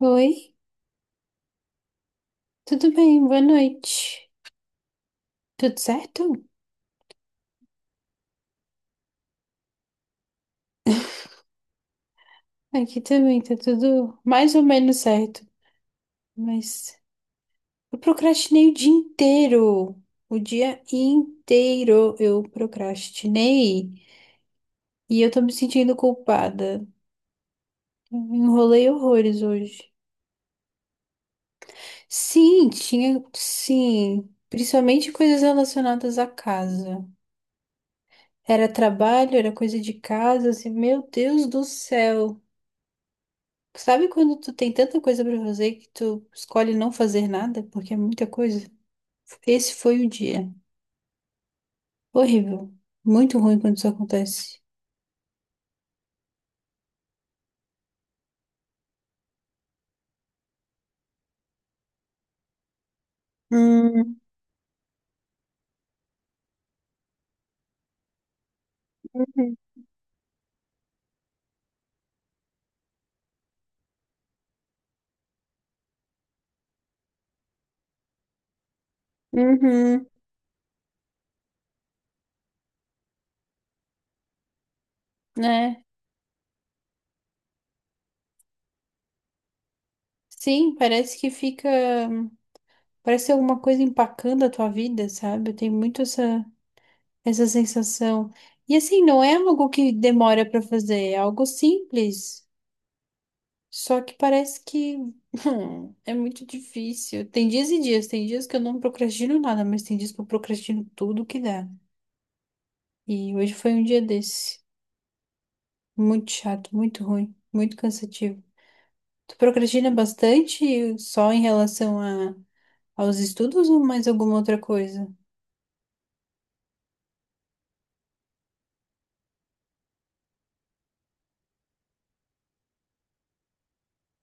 Oi, tudo bem? Boa noite. Tudo certo? Aqui também tá tudo mais ou menos certo, mas eu procrastinei o dia inteiro. O dia inteiro eu procrastinei e eu tô me sentindo culpada. Eu Enrolei horrores hoje. Sim, tinha, sim, principalmente coisas relacionadas à casa. Era trabalho, era coisa de casa, assim, meu Deus do céu. Sabe quando tu tem tanta coisa pra fazer que tu escolhe não fazer nada porque é muita coisa? Esse foi o dia. Horrível. Muito ruim quando isso acontece. Hum, uhum, uhum, né? Sim, parece que fica. Parece alguma coisa empacando a tua vida, sabe? Eu tenho muito essa sensação. E assim, não é algo que demora pra fazer, é algo simples. Só que parece que é muito difícil. Tem dias e dias, tem dias que eu não procrastino nada, mas tem dias que eu procrastino tudo que dá. E hoje foi um dia desse. Muito chato, muito ruim, muito cansativo. Tu procrastina bastante só em relação aos estudos ou mais alguma outra coisa?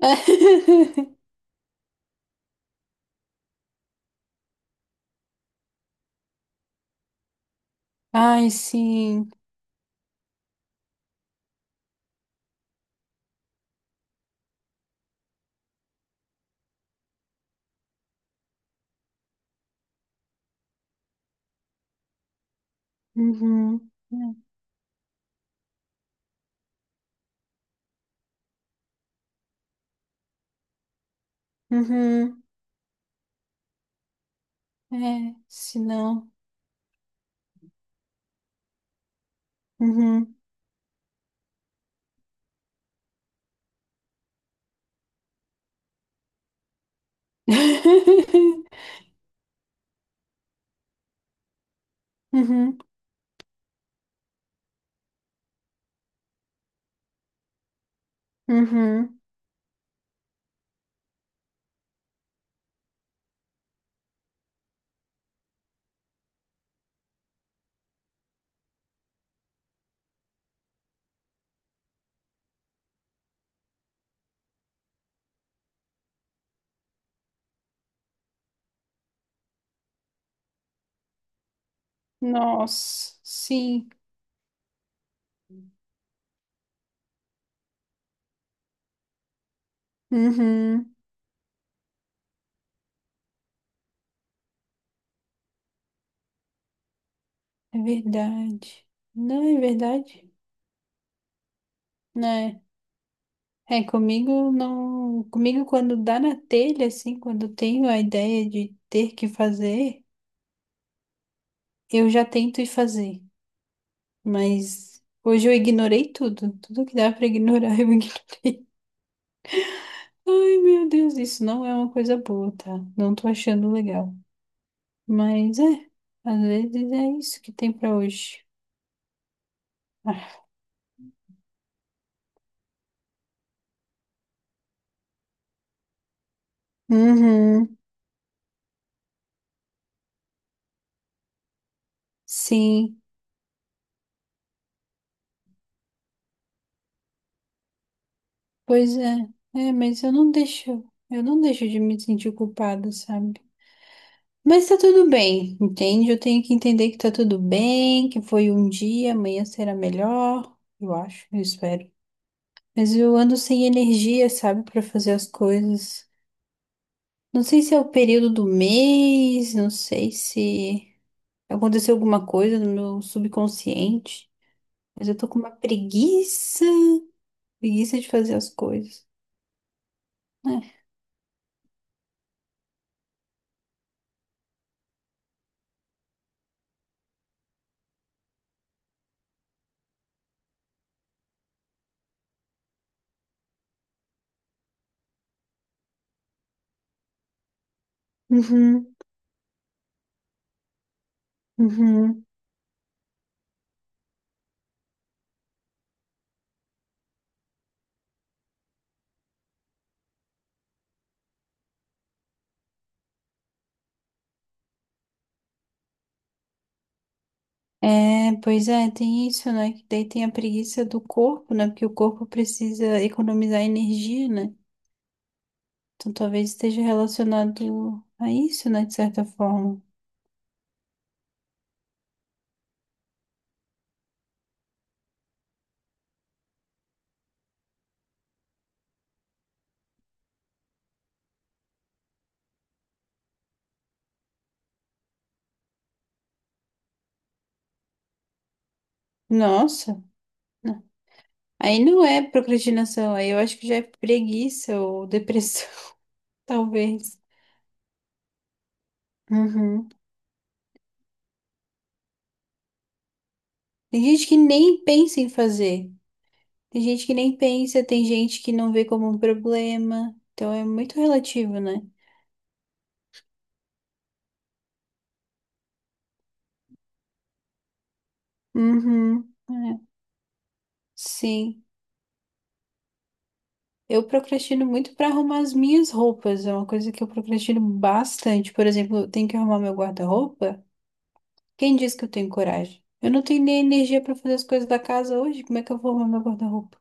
Ai, sim. Uhum. Uhum. É, se não. Uhum. Uhum. Uhum. Nossa, sim. Uhum. É verdade. Não é verdade, né? É, comigo não. Comigo, quando dá na telha, assim, quando eu tenho a ideia de ter que fazer, eu já tento ir fazer. Mas hoje eu ignorei tudo. Tudo que dá pra ignorar, eu ignoro. Ai, meu Deus, isso não é uma coisa boa, tá? Não tô achando legal. Mas é, às vezes é isso que tem pra hoje. Ah. Uhum. Sim. Pois é, é, mas eu não deixo de me sentir culpada, sabe? Mas tá tudo bem, entende? Eu tenho que entender que tá tudo bem, que foi um dia, amanhã será melhor, eu acho, eu espero. Mas eu ando sem energia, sabe, pra fazer as coisas. Não sei se é o período do mês, não sei se aconteceu alguma coisa no meu subconsciente, mas eu tô com uma preguiça, preguiça de fazer as coisas, né? Uhum, uhum. É, pois é, tem isso, né? Que daí tem a preguiça do corpo, né? Porque o corpo precisa economizar energia, né? Então talvez esteja relacionado a isso, né? De certa forma. Nossa, né? Aí não é procrastinação, aí eu acho que já é preguiça ou depressão, talvez. Uhum. Tem gente que nem pensa em fazer, tem gente que nem pensa, tem gente que não vê como um problema, então é muito relativo, né? Uhum. É. Sim. Eu procrastino muito para arrumar as minhas roupas, é uma coisa que eu procrastino bastante. Por exemplo, eu tenho que arrumar meu guarda-roupa? Quem diz que eu tenho coragem? Eu não tenho nem energia para fazer as coisas da casa hoje, como é que eu vou arrumar meu guarda-roupa?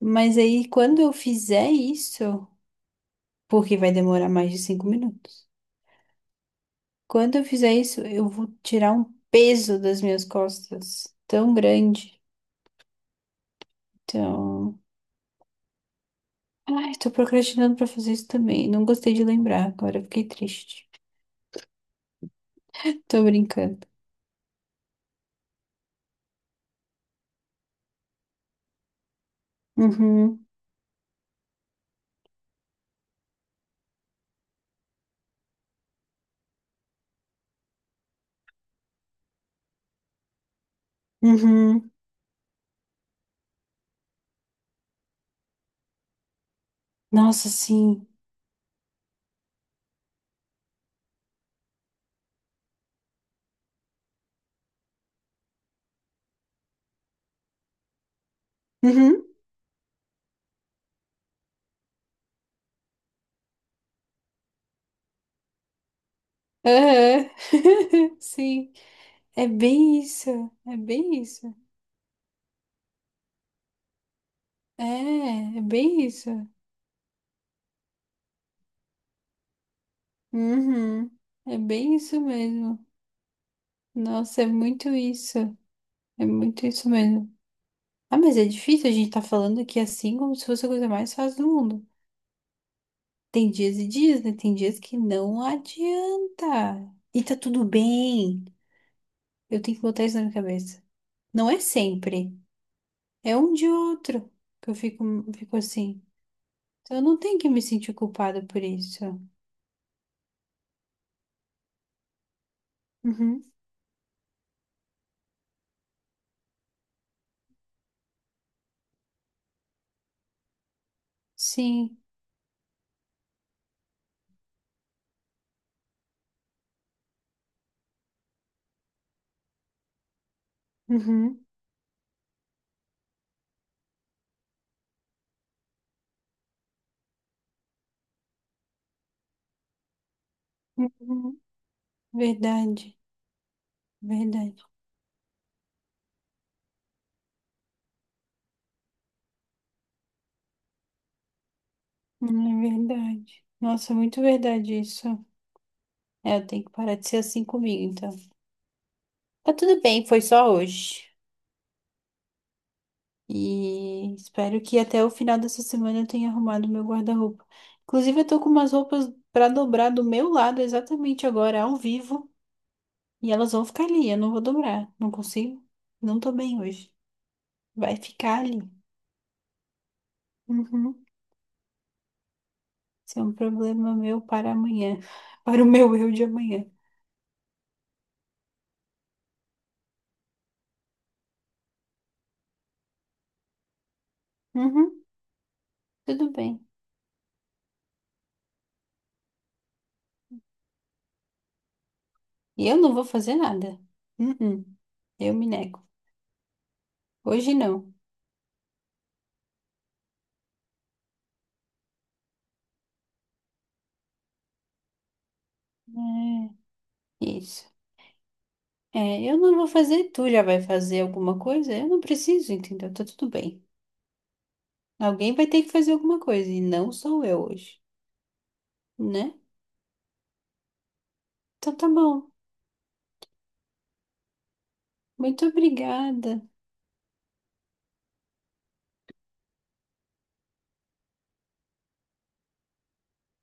Mas aí, quando eu fizer isso, porque vai demorar mais de 5 minutos, quando eu fizer isso, eu vou tirar um peso das minhas costas tão grande. Então, ai, tô procrastinando para fazer isso também. Não gostei de lembrar agora, fiquei triste. Tô brincando. Uhum. Uhum. Nossa, sim. Uhum. Aham. Sim. É bem isso. É bem isso. É, é bem isso. Uhum. É bem isso mesmo. Nossa, é muito isso. É muito isso mesmo. Ah, mas é difícil a gente tá falando aqui assim como se fosse a coisa mais fácil do mundo. Tem dias e dias, né? Tem dias que não adianta. E tá tudo bem. Eu tenho que botar isso na minha cabeça. Não é sempre. É um de outro que eu fico, fico assim. Então eu não tenho que me sentir culpada por isso. Uhum. Sim. Uhum. Uhum. Verdade. Verdade. É verdade. Nossa, muito verdade isso. É, eu tenho que parar de ser assim comigo, então. Tá tudo bem, foi só hoje. E espero que até o final dessa semana eu tenha arrumado meu guarda-roupa. Inclusive, eu tô com umas roupas pra dobrar do meu lado exatamente agora, ao vivo. E elas vão ficar ali, eu não vou dobrar. Não consigo. Não tô bem hoje. Vai ficar ali. Uhum. Isso é um problema meu para amanhã. Para o meu eu de amanhã. Uhum. Tudo bem. E eu não vou fazer nada. Uhum. Eu me nego. Hoje não. É, isso. É, eu não vou fazer, tu já vai fazer alguma coisa? Eu não preciso, entendeu? Tá tudo bem. Alguém vai ter que fazer alguma coisa, e não sou eu hoje, né? Então tá bom. Muito obrigada.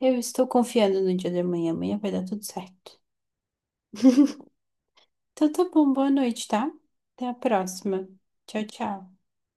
Eu estou confiando no dia de amanhã. Amanhã vai dar tudo certo. Então tá bom, boa noite, tá? Até a próxima. Tchau, tchau.